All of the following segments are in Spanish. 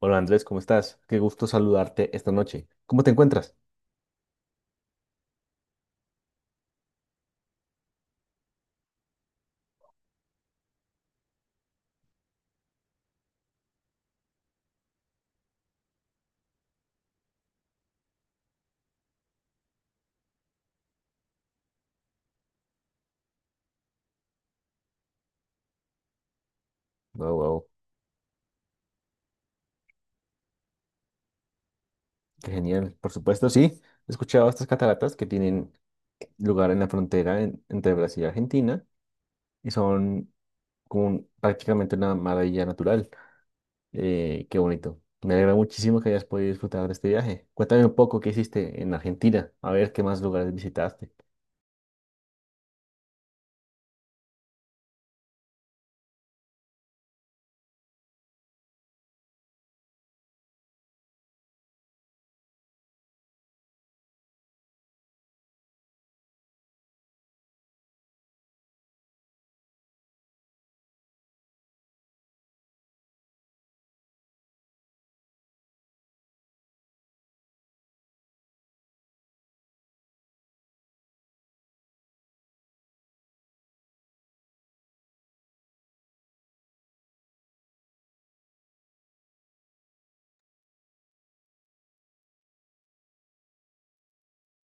Hola Andrés, ¿cómo estás? Qué gusto saludarte esta noche. ¿Cómo te encuentras? Wow, wow, qué genial. Por supuesto, sí. He escuchado estas cataratas que tienen lugar en la frontera entre Brasil y Argentina y son prácticamente una maravilla natural. Qué bonito. Me alegra muchísimo que hayas podido disfrutar de este viaje. Cuéntame un poco qué hiciste en Argentina, a ver qué más lugares visitaste.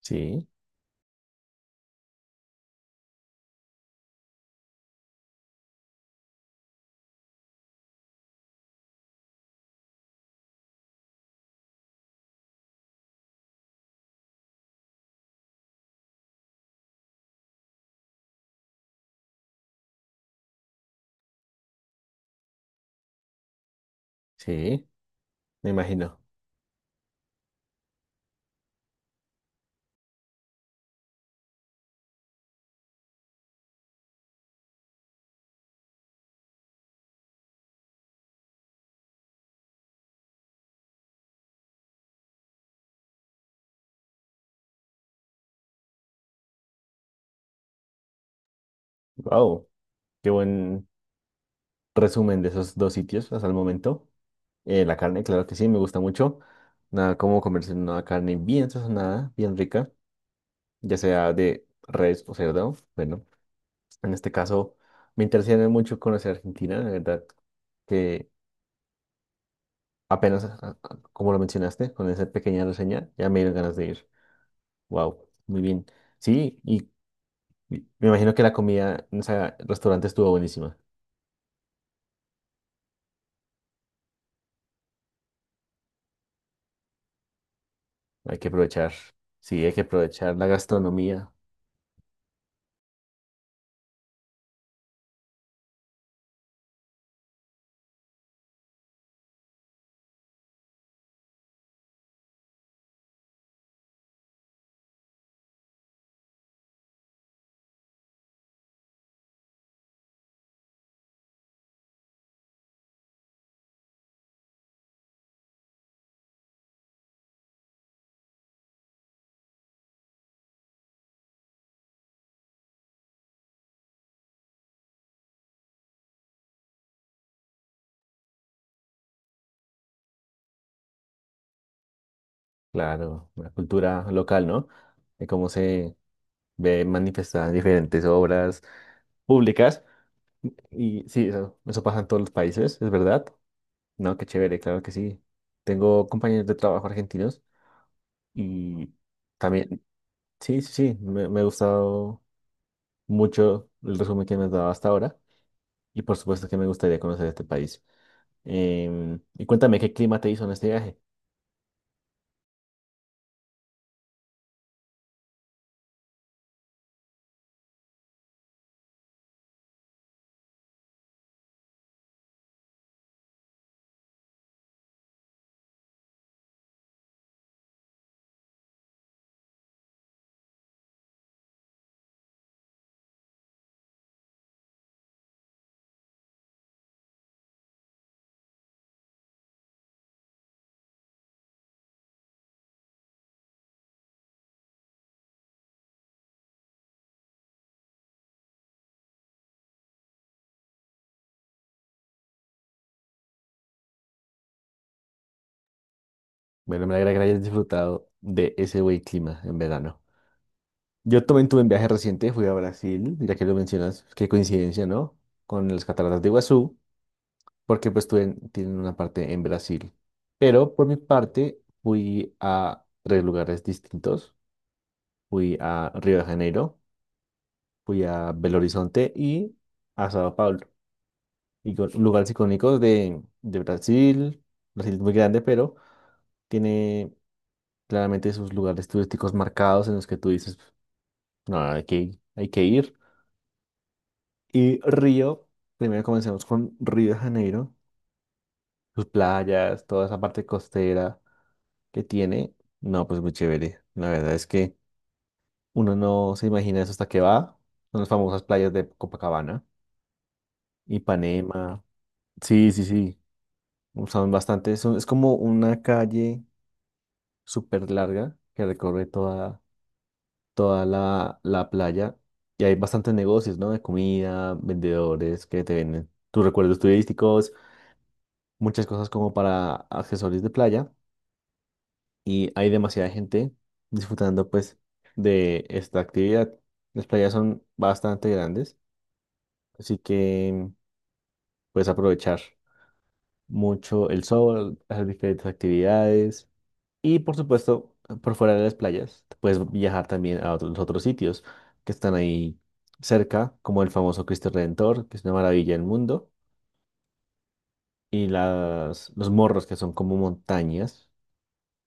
Sí, sí, me imagino. Wow, qué buen resumen de esos dos sitios hasta el momento. La carne, claro que sí, me gusta mucho. Nada como comerse una carne bien sazonada, bien rica, ya sea de res o cerdo. Bueno, en este caso me interesa mucho conocer Argentina, la verdad que apenas, como lo mencionaste, con esa pequeña reseña, ya me dieron ganas de ir. Wow, muy bien. Sí, y me imagino que la comida en ese restaurante estuvo buenísima. Hay que aprovechar, sí, hay que aprovechar la gastronomía, claro, la cultura local, ¿no? De cómo se ve manifestada en diferentes obras públicas. Y sí, eso pasa en todos los países, es verdad. No, qué chévere, claro que sí. Tengo compañeros de trabajo argentinos y también, sí, sí, sí, me ha gustado mucho el resumen que me has dado hasta ahora y por supuesto que me gustaría conocer este país. Y cuéntame, ¿qué clima te hizo en este viaje? Bueno, me alegra que hayas disfrutado de ese buen clima en verano. Yo también tuve un viaje reciente, fui a Brasil, ya que lo mencionas, qué coincidencia, ¿no? Con las cataratas de Iguazú, porque pues tienen una parte en Brasil. Pero por mi parte fui a tres lugares distintos. Fui a Río de Janeiro, fui a Belo Horizonte y a Sao Paulo. Lugares icónicos de Brasil. Brasil es muy grande, pero tiene claramente sus lugares turísticos marcados en los que tú dices, no, hay que ir. Y Río, primero comencemos con Río de Janeiro, sus playas, toda esa parte costera que tiene. No, pues muy chévere. La verdad es que uno no se imagina eso hasta que va. Son las famosas playas de Copacabana, Ipanema. Sí, sí, sí. Son bastante. Son, es como una calle súper larga que recorre toda, la playa. Y hay bastantes negocios, ¿no? De comida, vendedores que te venden tus recuerdos turísticos, muchas cosas como para accesorios de playa, y hay demasiada gente disfrutando pues de esta actividad. Las playas son bastante grandes, así que puedes aprovechar mucho el sol, hacer diferentes actividades y por supuesto por fuera de las playas puedes viajar también a otros, los otros sitios que están ahí cerca, como el famoso Cristo Redentor, que es una maravilla del mundo, y las, los morros que son como montañas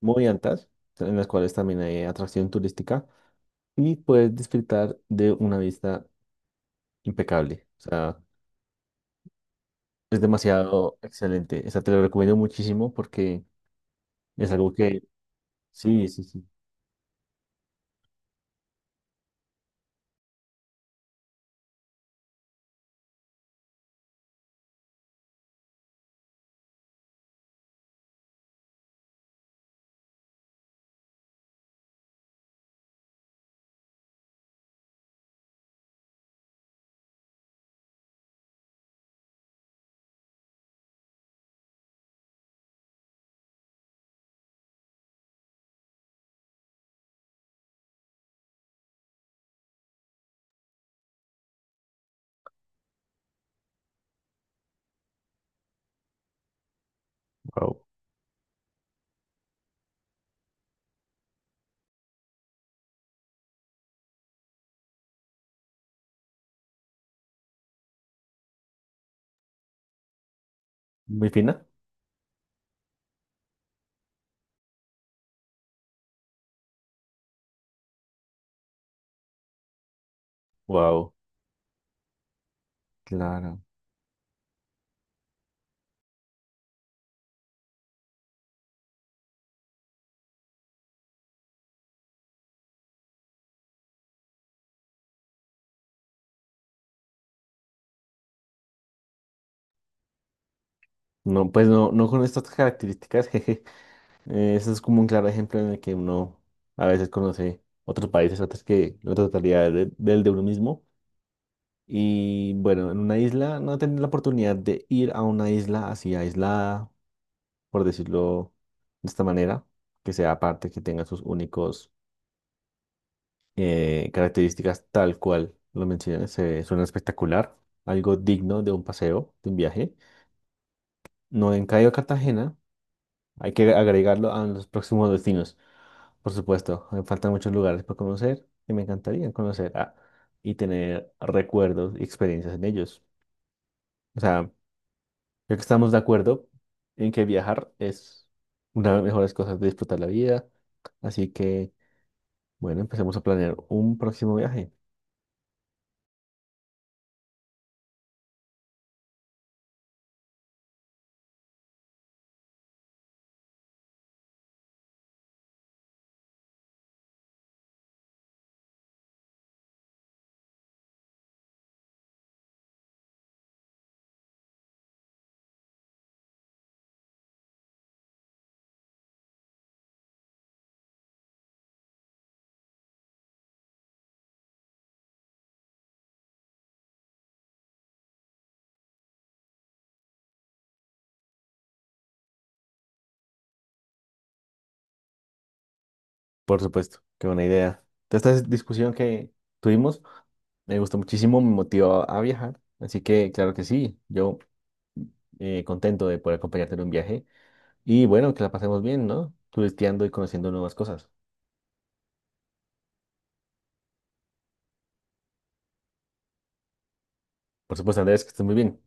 muy altas, en las cuales también hay atracción turística y puedes disfrutar de una vista impecable. O sea, es demasiado excelente. Esa te lo recomiendo muchísimo porque es algo que, sí, sí, sí, wow, muy fina, wow, claro. No, pues no, no con estas características, jeje. Eso es como un claro ejemplo en el que uno a veces conoce otros países antes que la totalidad del de uno mismo. Y bueno, en una isla, no tener la oportunidad de ir a una isla así aislada, por decirlo de esta manera, que sea aparte, que tenga sus únicos características tal cual lo mencioné, se suena espectacular, algo digno de un paseo, de un viaje. No en Cayo Cartagena, hay que agregarlo a los próximos destinos, por supuesto. Me faltan muchos lugares por conocer y me encantaría conocer ah, y tener recuerdos y experiencias en ellos. O sea, creo que estamos de acuerdo en que viajar es una de las mejores cosas de disfrutar la vida. Así que, bueno, empecemos a planear un próximo viaje. Por supuesto, qué buena idea. Toda esta discusión que tuvimos me gustó muchísimo, me motivó a viajar. Así que, claro que sí, yo contento de poder acompañarte en un viaje. Y bueno, que la pasemos bien, ¿no? Turisteando y conociendo nuevas cosas. Por supuesto, Andrés, que estés muy bien.